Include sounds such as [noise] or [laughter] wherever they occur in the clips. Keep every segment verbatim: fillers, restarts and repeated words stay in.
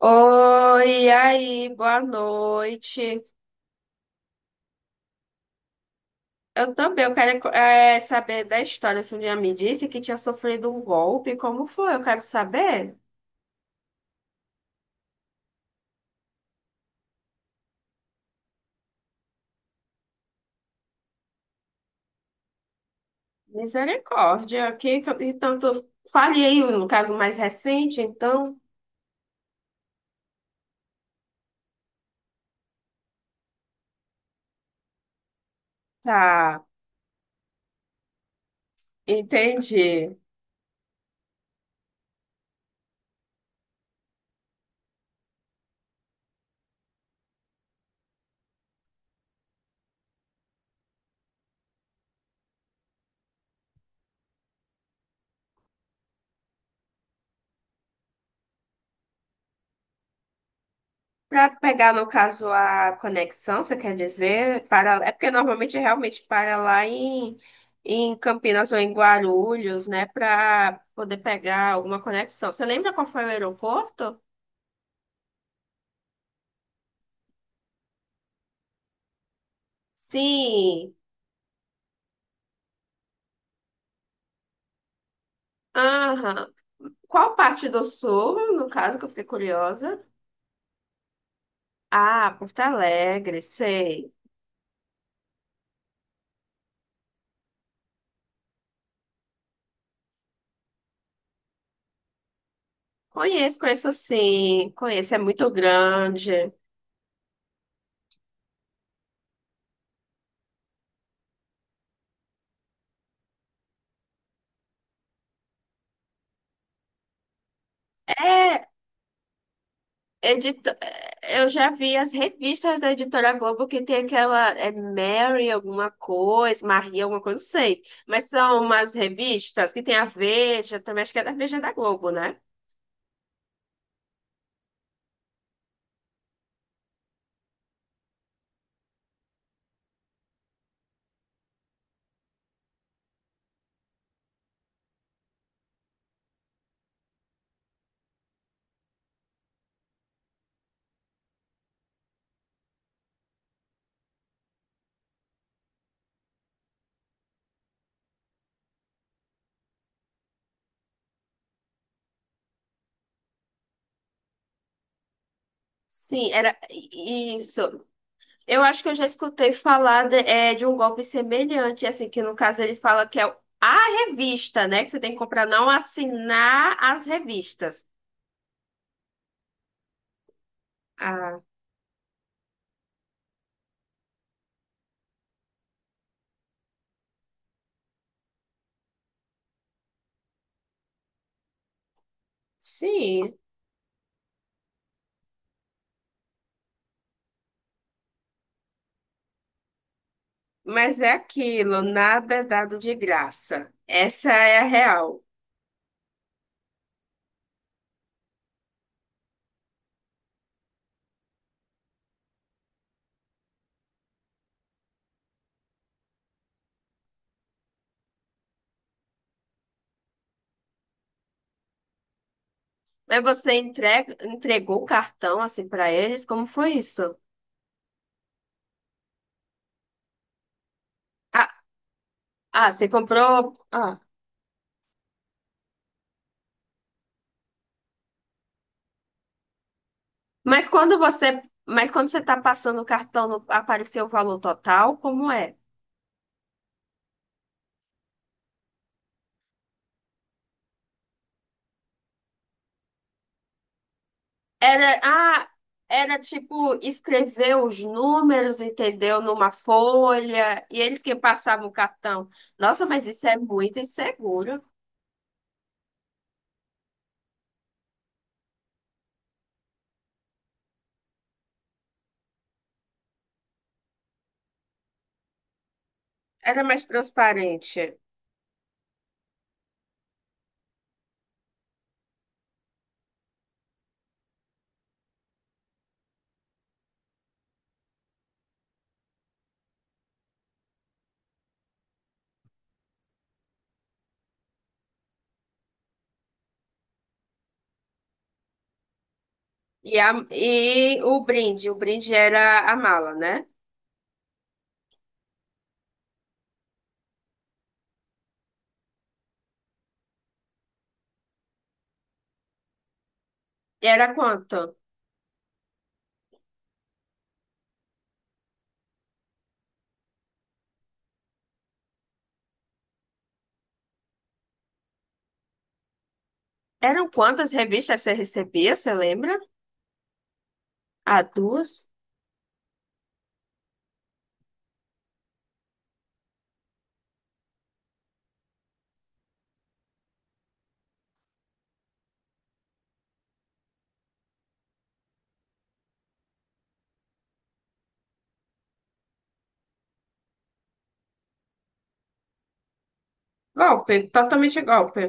Oi, e aí, boa noite. Eu também, eu quero eh, saber da história. Se um dia me disse que tinha sofrido um golpe, como foi? Eu quero saber. Misericórdia, que, que- então tu fale aí no caso mais recente, então. Tá, entendi. Para pegar, no caso, a conexão, você quer dizer? Para... É porque normalmente realmente para lá em, em Campinas ou em Guarulhos, né? Para poder pegar alguma conexão. Você lembra qual foi o aeroporto? Sim. Aham. Qual parte do sul, no caso, que eu fiquei curiosa? Ah, Porto Alegre, sei. Conheço, conheço sim. Conheço, é muito grande. É, Edito... Eu já vi as revistas da Editora Globo que tem aquela é Mary alguma coisa, Maria alguma coisa, não sei. Mas são umas revistas que tem a Veja, também acho que é da Veja da Globo, né? Sim, era isso. Eu acho que eu já escutei falar de, é, de um golpe semelhante, assim, que no caso ele fala que é o- a revista, né? Que você tem que comprar, não assinar as revistas. Ah, sim. Mas é aquilo, nada é dado de graça. Essa é a real. Mas você entrega, entregou o cartão assim para eles? Como foi isso? Ah, ah, você comprou. Ah. Mas quando você, mas quando você está passando o cartão, não apareceu o valor total? Como é? Era, ah, era tipo escrever os números, entendeu? Numa folha e eles que passavam o cartão. Nossa, mas isso é muito inseguro. Era mais transparente. E, a, e o brinde, o brinde era a mala, né? Era quanto? Eram quantas revistas você recebia, você lembra? Ah, duas? Golpe, totalmente golpe.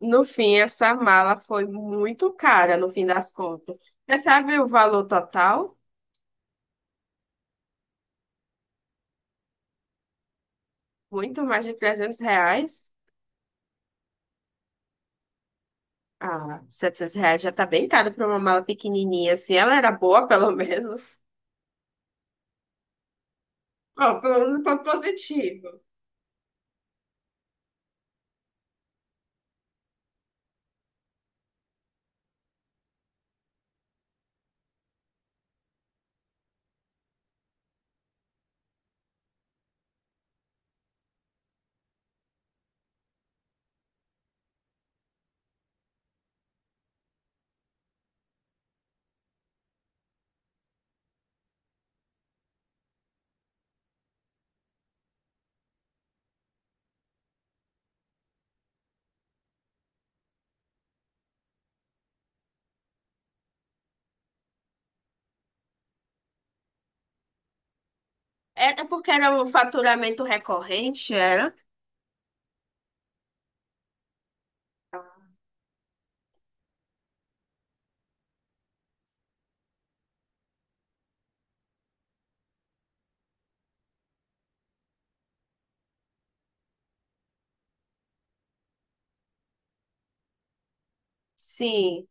No fim, essa mala foi muito cara, no fim das contas. Você sabe o valor total? Muito mais de trezentos reais. Ah, setecentos reais já tá bem caro para uma mala pequenininha, assim. Ela era boa, [laughs] pelo menos. Bom, pelo menos foi positivo. Era porque era um faturamento recorrente, era? Sim.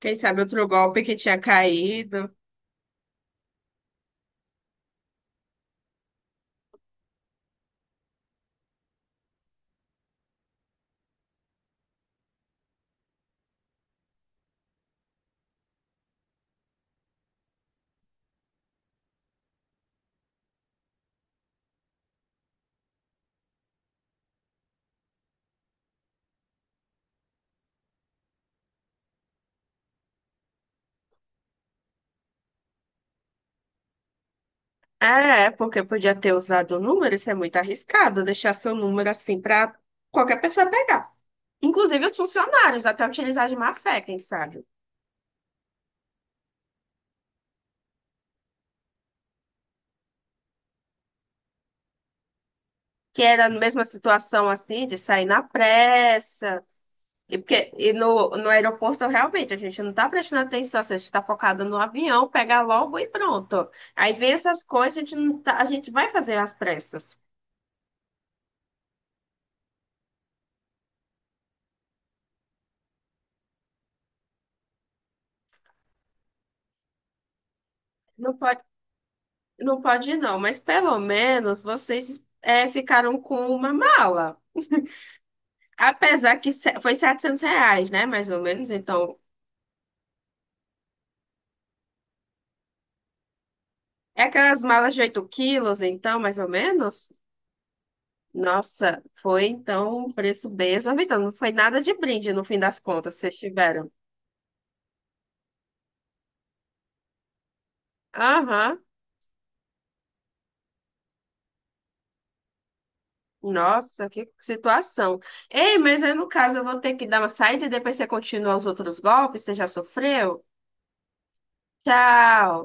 Quem sabe outro golpe que tinha caído. É, porque podia ter usado o número, isso é muito arriscado, deixar seu número assim para qualquer pessoa pegar. Inclusive os funcionários, até utilizar de má fé, quem sabe. Que era a mesma situação assim, de sair na pressa. E, porque, e no, no aeroporto, realmente, a gente não tá prestando atenção, assim, a gente tá focado no avião, pega logo e pronto. Aí vem essas coisas, a gente, não tá- a gente vai fazer as pressas. Não pode. Não pode não, mas pelo menos vocês é, ficaram com uma mala. Apesar que se- foi setecentos reais, né? Mais ou menos. Então, é aquelas malas de oito quilos, então, mais ou menos. Nossa, foi então um preço bem exorbitante. Não foi nada de brinde no fim das contas, vocês tiveram. Aham. Nossa, que situação. Ei, mas aí no caso eu vou ter que dar uma saída e depois você continua os outros golpes, você já sofreu? Tchau.